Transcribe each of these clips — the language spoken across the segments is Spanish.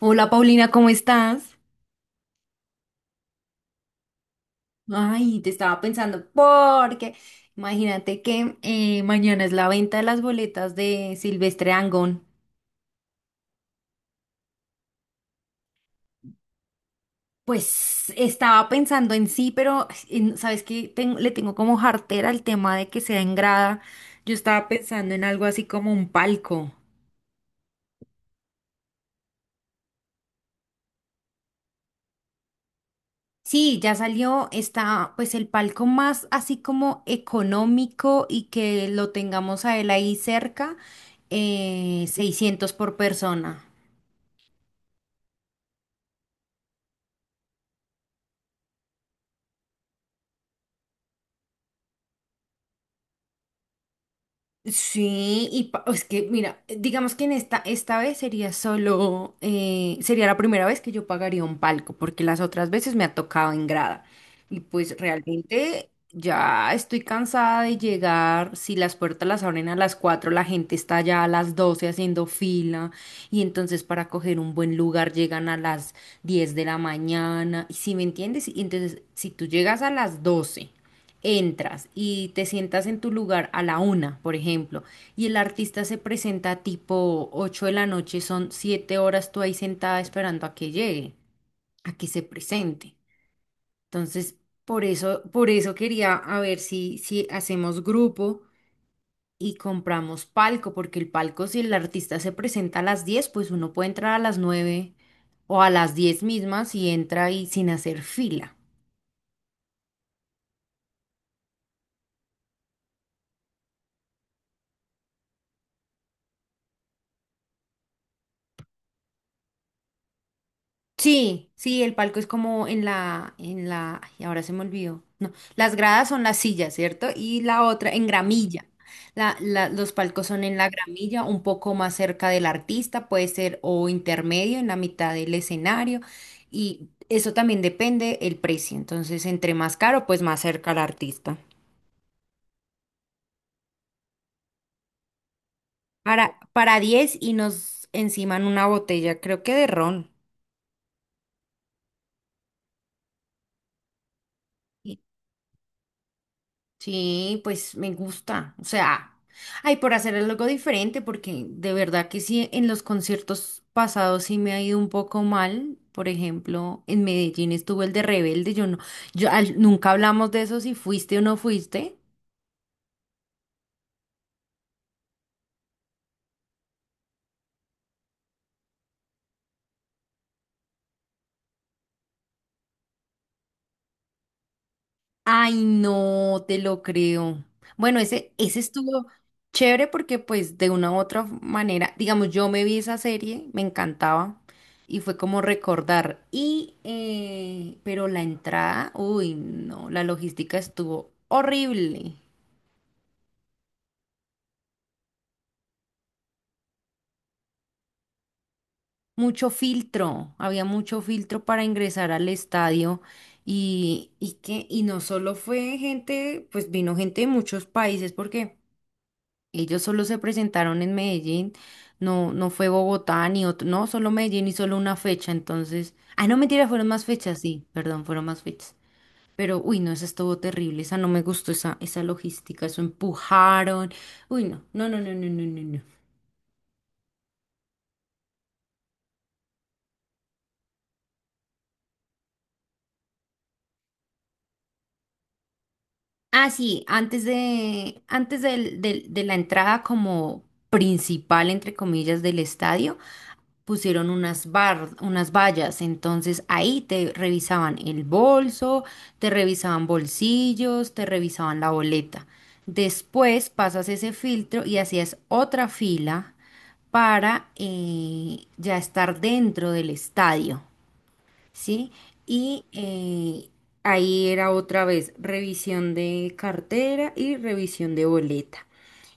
Hola Paulina, ¿cómo estás? Ay, te estaba pensando porque imagínate que mañana es la venta de las boletas de Silvestre Angón. Pues estaba pensando en sí, pero sabes que le tengo como jartera el tema de que sea en grada. Yo estaba pensando en algo así como un palco. Sí, ya salió, está pues el palco más así como económico y que lo tengamos a él ahí cerca, 600 por persona. Sí, y es que, mira, digamos que en esta vez sería solo, sería la primera vez que yo pagaría un palco, porque las otras veces me ha tocado en grada. Y pues realmente ya estoy cansada de llegar, si las puertas las abren a las 4 la gente está ya a las 12 haciendo fila, y entonces para coger un buen lugar llegan a las 10 de la mañana, y si me entiendes, y entonces si tú llegas a las 12 entras y te sientas en tu lugar a la una, por ejemplo, y el artista se presenta tipo 8 de la noche, son siete horas tú ahí sentada esperando a que llegue, a que se presente. Entonces, por eso quería a ver si hacemos grupo y compramos palco, porque el palco, si el artista se presenta a las 10 pues uno puede entrar a las 9 o a las 10 mismas y entra ahí sin hacer fila. Sí, sí, el palco es como en la, ay, ahora se me olvidó. No, las gradas son las sillas, ¿cierto? Y la otra en gramilla. Los palcos son en la gramilla, un poco más cerca del artista, puede ser o intermedio, en la mitad del escenario. Y eso también depende el precio. Entonces, entre más caro, pues más cerca al artista. Para 10 y nos enciman una botella, creo que de ron. Sí, pues me gusta. O sea, ay, por hacer algo diferente, porque de verdad que sí, en los conciertos pasados sí me ha ido un poco mal. Por ejemplo, en Medellín estuvo el de Rebelde. Yo no, yo nunca hablamos de eso si fuiste o no fuiste. Ay, no te lo creo. Bueno, ese estuvo chévere porque pues de una u otra manera, digamos, yo me vi esa serie, me encantaba y fue como recordar. Y, pero la entrada, uy, no, la logística estuvo horrible. Mucho filtro, había mucho filtro para ingresar al estadio y que no solo fue gente, pues vino gente de muchos países porque... Ellos solo se presentaron en Medellín, no, no fue Bogotá ni otro, no, solo Medellín y solo una fecha, entonces, ah, no, mentira, fueron más fechas, sí, perdón, fueron más fechas. Pero, uy, no, esa estuvo terrible, esa no me gustó, esa logística, eso empujaron, uy, no, no, no, no, no, no, no. no. Ah, sí, antes de, antes del- del- de la entrada como principal, entre comillas, del estadio, pusieron unas vallas, entonces ahí te revisaban el bolso, te revisaban bolsillos, te revisaban la boleta. Después pasas ese filtro y hacías otra fila para ya estar dentro del estadio. ¿Sí? Y ahí era otra vez revisión de cartera y revisión de boleta.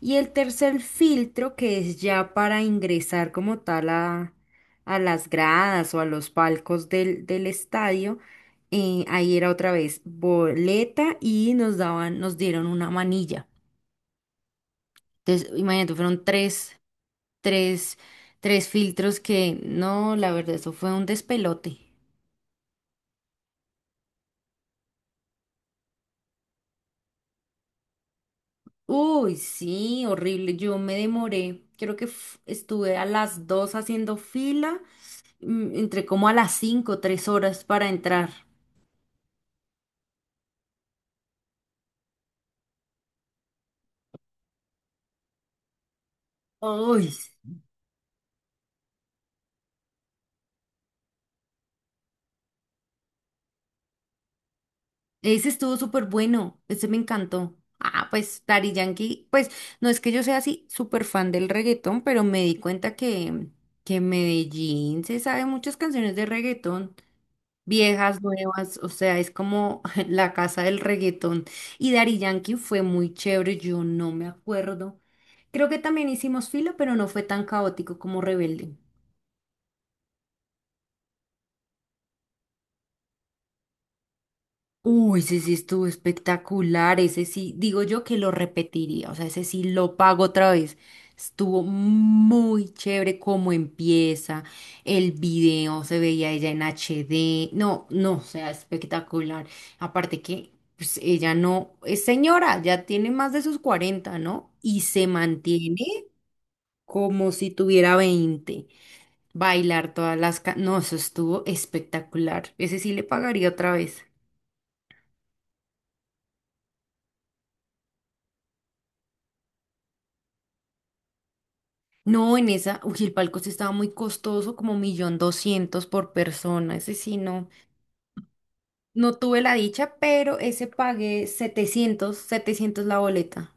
Y el tercer filtro, que es ya para ingresar como tal a las gradas o a los palcos del estadio, ahí era otra vez boleta y nos dieron una manilla. Entonces, imagínate, fueron tres, tres filtros que, no, la verdad, eso fue un despelote. Uy, sí, horrible. Yo me demoré. Creo que estuve a las 2 haciendo fila. Entré como a las 5, 3 horas para entrar. Uy, ese estuvo súper bueno. Ese me encantó. Ah, pues Daddy Yankee. Pues no es que yo sea así súper fan del reggaetón, pero me di cuenta que en Medellín se sabe muchas canciones de reggaetón. Viejas, nuevas, o sea, es como la casa del reggaetón. Y Daddy Yankee fue muy chévere, yo no me acuerdo. Creo que también hicimos filo, pero no fue tan caótico como Rebelde. Uy, ese sí estuvo espectacular, ese sí, digo yo que lo repetiría, o sea, ese sí lo pago otra vez. Estuvo muy chévere cómo empieza, el video se veía ella en HD, no, no, o sea, espectacular. Aparte que pues, ella no es señora, ya tiene más de sus 40, ¿no? Y se mantiene como si tuviera 20. Bailar todas las... No, eso estuvo espectacular, ese sí le pagaría otra vez. No, en esa, uy, el palco sí estaba muy costoso, como millón doscientos por persona. Ese sí, no, no tuve la dicha, pero ese pagué 700 la boleta.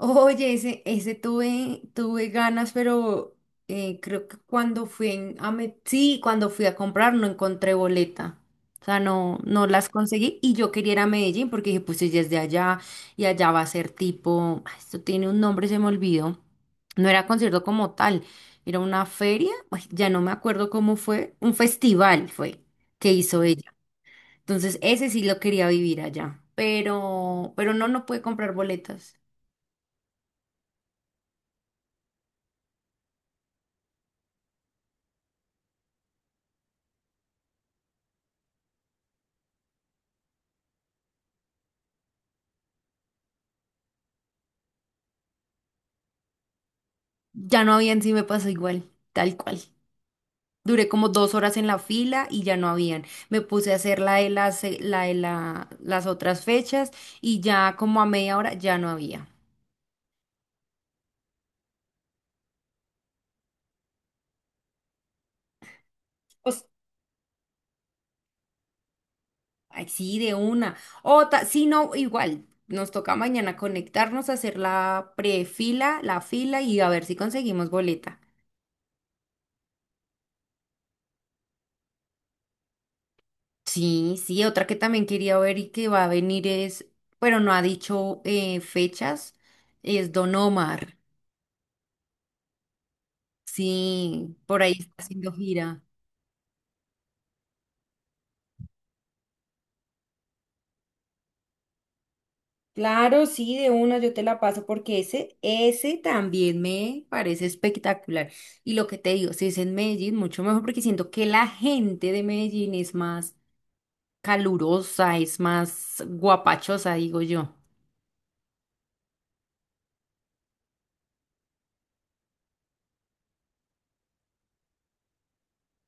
Oye, ese tuve ganas, pero creo que cuando fui en- a me- sí, cuando fui a comprar no encontré boleta. O sea, no, no las conseguí y yo quería ir a Medellín porque dije, pues ella es de allá y allá va a ser tipo, ay, esto tiene un nombre, se me olvidó. No era concierto como tal, era una feria, ay, ya no me acuerdo cómo fue, un festival fue que hizo ella. Entonces, ese sí lo quería vivir allá, pero, no pude comprar boletas. Ya no habían, sí me pasó igual, tal cual. Duré como dos horas en la fila y ya no habían. Me puse a hacer la de las, las otras fechas y ya como a media hora ya no había. Pues, ay, sí, de una. Otra, sí, no, igual. Nos toca mañana conectarnos, hacer la prefila, la fila y a ver si conseguimos boleta. Sí, sí, otra que también quería ver y que va a venir es, pero no ha dicho fechas, es Don Omar. Sí, por ahí está haciendo gira. Claro, sí, de una yo te la paso porque ese también me parece espectacular. Y lo que te digo, si es en Medellín, mucho mejor porque siento que la gente de Medellín es más calurosa, es más guapachosa, digo yo.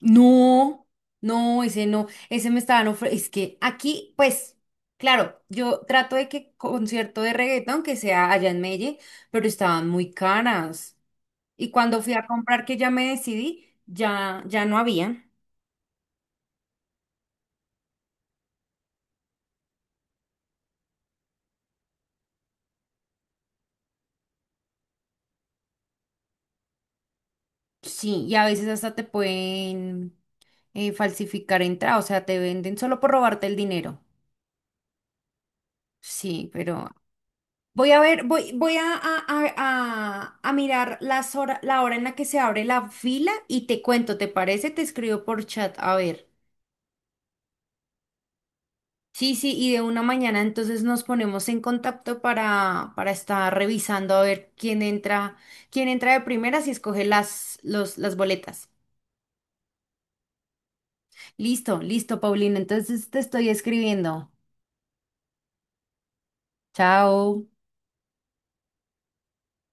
No, no, ese no, ese me estaban ofreciendo. Es que aquí, pues, claro, yo trato de que concierto de reggaetón que sea allá en Medellín, pero estaban muy caras. Y cuando fui a comprar, que ya me decidí, ya, ya no había. Sí, y a veces hasta te pueden falsificar entrada, o sea, te venden solo por robarte el dinero. Sí, pero voy a ver, voy, voy a mirar las la hora en la que se abre la fila y te cuento, ¿te parece? Te escribo por chat, a ver. Sí, sí, y de una mañana entonces nos ponemos en contacto para estar revisando a ver quién entra de primeras y escoge las boletas. Listo, listo, Paulina. Entonces te estoy escribiendo. Chao.